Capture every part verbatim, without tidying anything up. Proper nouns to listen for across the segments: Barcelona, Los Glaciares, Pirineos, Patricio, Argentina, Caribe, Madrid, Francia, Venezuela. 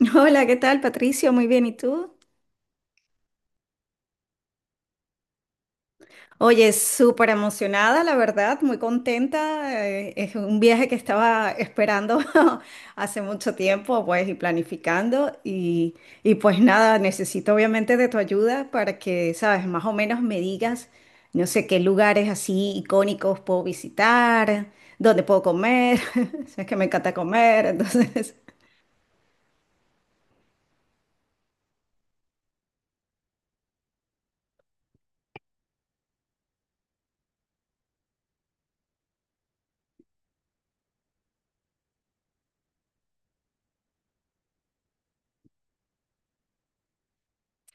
Hola, ¿qué tal, Patricio? Muy bien, ¿y tú? Oye, súper emocionada, la verdad, muy contenta. Eh, es un viaje que estaba esperando hace mucho tiempo, pues, y planificando. Y, y pues nada, necesito obviamente de tu ayuda para que, sabes, más o menos me digas, no sé, qué lugares así icónicos puedo visitar, dónde puedo comer. Sabes que me encanta comer, entonces.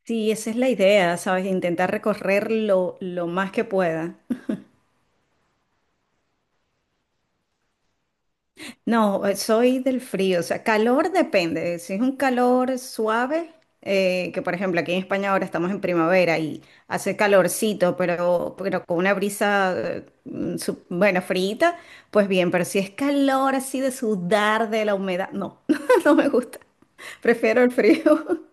Sí, esa es la idea, sabes, intentar recorrer lo, lo más que pueda. No, eh, soy del frío, o sea, calor depende. Si es un calor suave, eh, que por ejemplo aquí en España ahora estamos en primavera y hace calorcito, pero, pero con una brisa, eh, mm, su- bueno, frita, pues bien, pero si es calor así de sudar de la humedad, no, no me gusta. Prefiero el frío.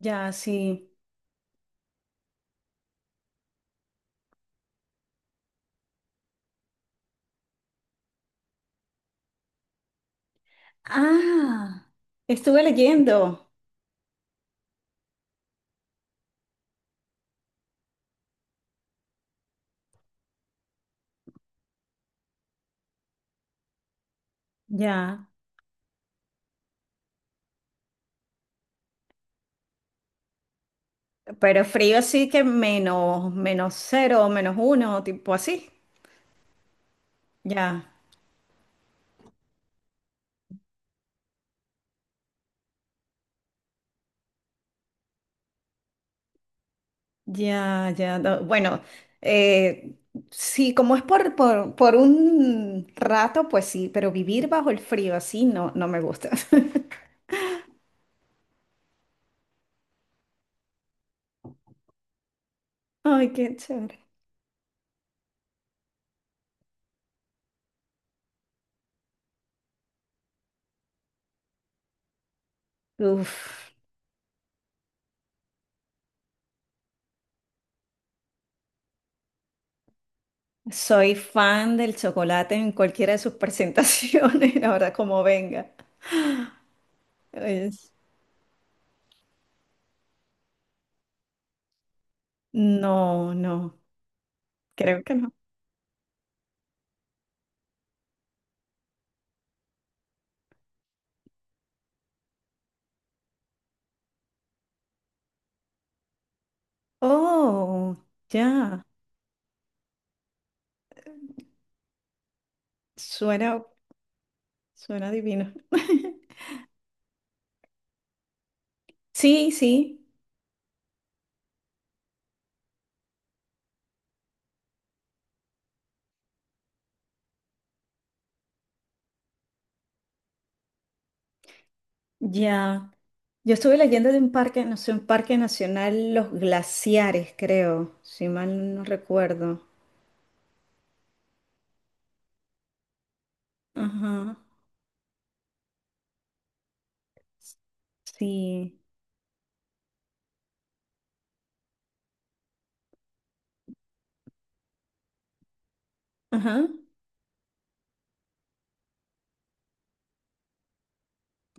Ya, sí. Ah, estuve leyendo. Ya. Pero frío así que menos, menos cero, menos uno, tipo así. Ya. Ya, ya, no, bueno, eh, sí, como es por, por, por un rato, pues sí, pero vivir bajo el frío así no, no me gusta. Ay, qué chévere. Uf, soy fan del chocolate en cualquiera de sus presentaciones, la verdad, como venga. Es- no, no, creo que no. Oh, ya, suena, suena divino. Sí, sí, ya. Yo estuve leyendo de un parque, no sé, un parque nacional, Los Glaciares, creo, si mal no recuerdo. Ajá, sí, ajá.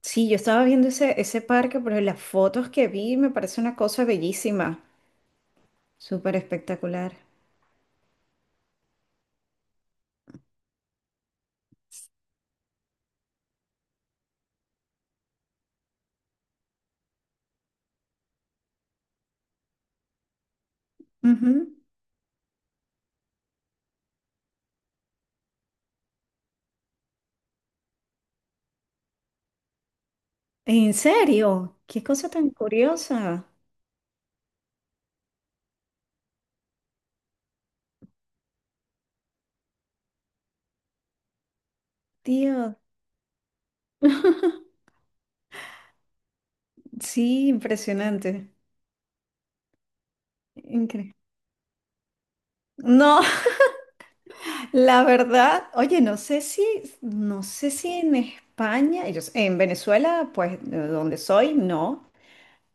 Sí, yo estaba viendo ese, ese parque, pero las fotos que vi me parece una cosa bellísima, súper espectacular. Ujú. ¿En serio? ¿Qué cosa tan curiosa? Tío, sí, impresionante. Increíble. No, la verdad, oye, no sé si, no sé si en España, y yo sé- en Venezuela, pues de donde soy, no,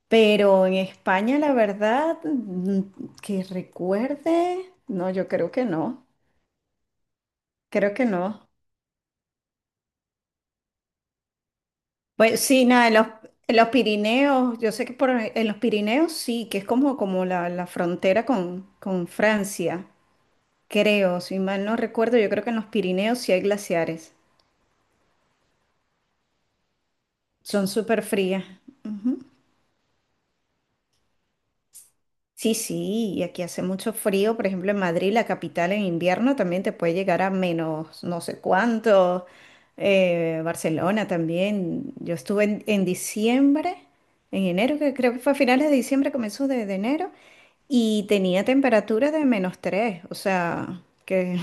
pero en España, la verdad, mm, que recuerde, no, yo creo que no, creo que no. Pues sí, nada, en los, en los Pirineos, yo sé que por, en los Pirineos sí, que es como, como la, la frontera con, con Francia, creo, si mal no recuerdo, yo creo que en los Pirineos sí hay glaciares, son súper frías. Sí, sí, y aquí hace mucho frío, por ejemplo, en Madrid, la capital en invierno también te puede llegar a menos no sé cuánto, eh, Barcelona también. Yo estuve en, en diciembre, en enero, que creo que fue a finales de diciembre, comenzó de, de enero, y tenía temperatura de menos tres, o sea, que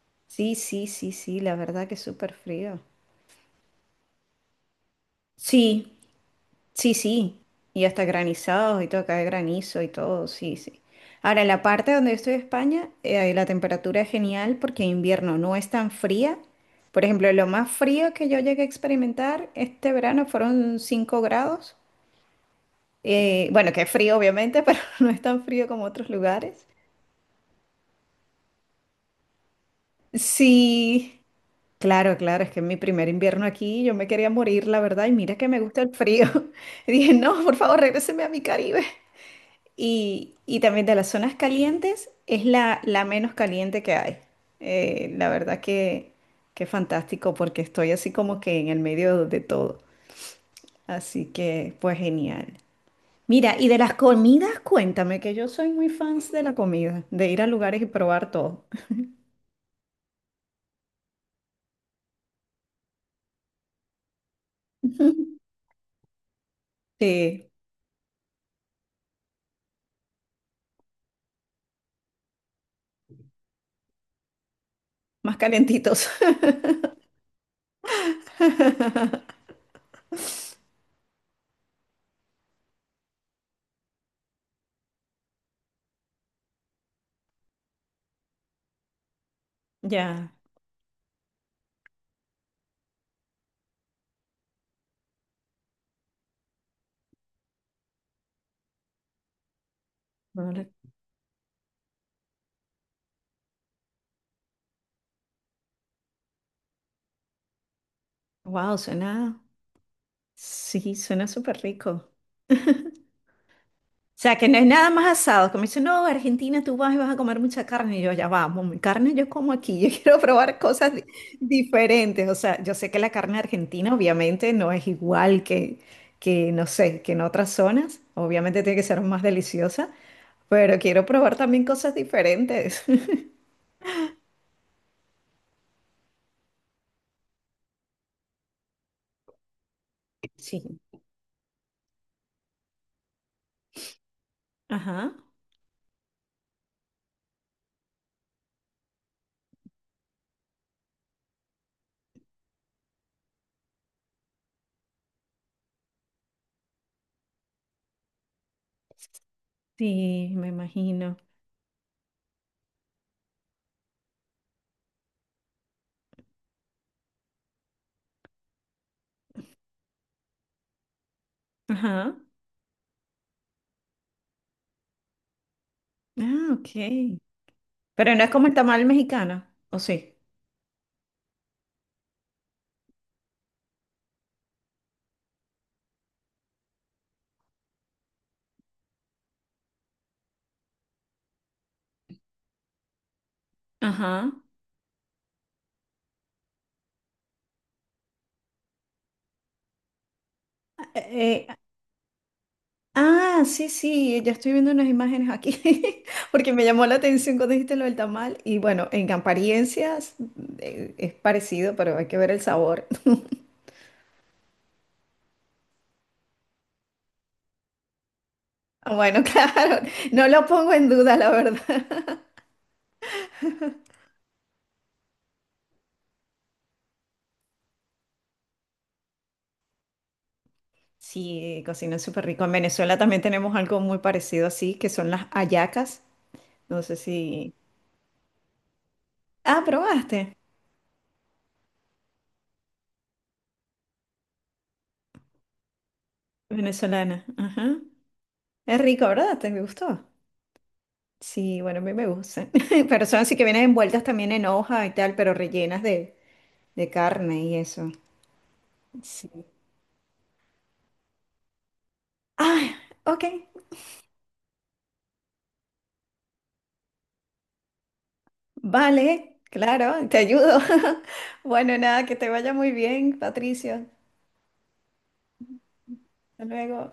sí, sí, sí, sí, la verdad que es súper frío. Sí, sí, sí, y hasta granizados y todo, cae granizo y todo, sí, sí. Ahora, en la parte donde yo estoy de España, eh, la temperatura es genial porque en invierno no es tan fría. Por ejemplo, lo más frío que yo llegué a experimentar este verano fueron cinco grados. Eh, bueno, que es frío obviamente, pero no es tan frío como otros lugares. Sí, claro, claro, es que en mi primer invierno aquí yo me quería morir, la verdad, y mira que me gusta el frío. Y dije, no, por favor, regréseme a mi Caribe. Y, y también de las zonas calientes es la, la menos caliente que hay. Eh, la verdad que, que fantástico porque estoy así como que en el medio de todo. Así que pues genial. Mira, y de las comidas, cuéntame que yo soy muy fans de la comida, de ir a lugares y probar todo. Sí, más calentitos. Ya. Wow, suena. Sí, suena súper rico. O sea, que no es nada más asado. Que me dicen, no, Argentina, tú vas y vas a comer mucha carne. Y yo, ya vamos, mi carne yo como aquí. Yo quiero probar cosas di- diferentes. O sea, yo sé que la carne argentina obviamente no es igual que, que, no sé, que en otras zonas. Obviamente tiene que ser más deliciosa, pero quiero probar también cosas diferentes. Sí. Ajá. Sí, me imagino. Ajá. Ah, ok. Pero no es como el tamal mexicano, ¿o sí? Ajá. Eh, Ah, sí, sí, ya estoy viendo unas imágenes aquí, porque me llamó la atención cuando dijiste lo del tamal. Y bueno, en apariencias eh, es parecido, pero hay que ver el sabor. Ah, bueno, claro, no lo pongo en duda, la verdad. Sí, cocina súper rico. En Venezuela también tenemos algo muy parecido así, que son las hallacas. No sé si... Ah, probaste. Venezolana. Ajá. Es rico, ¿verdad? ¿Te gustó? Sí, bueno, a mí me gusta. Pero son así que vienen envueltas también en hoja y tal, pero rellenas de, de carne y eso. Sí. Ah, ok, vale, claro, te ayudo. Bueno, nada, que te vaya muy bien, Patricio. Hasta luego.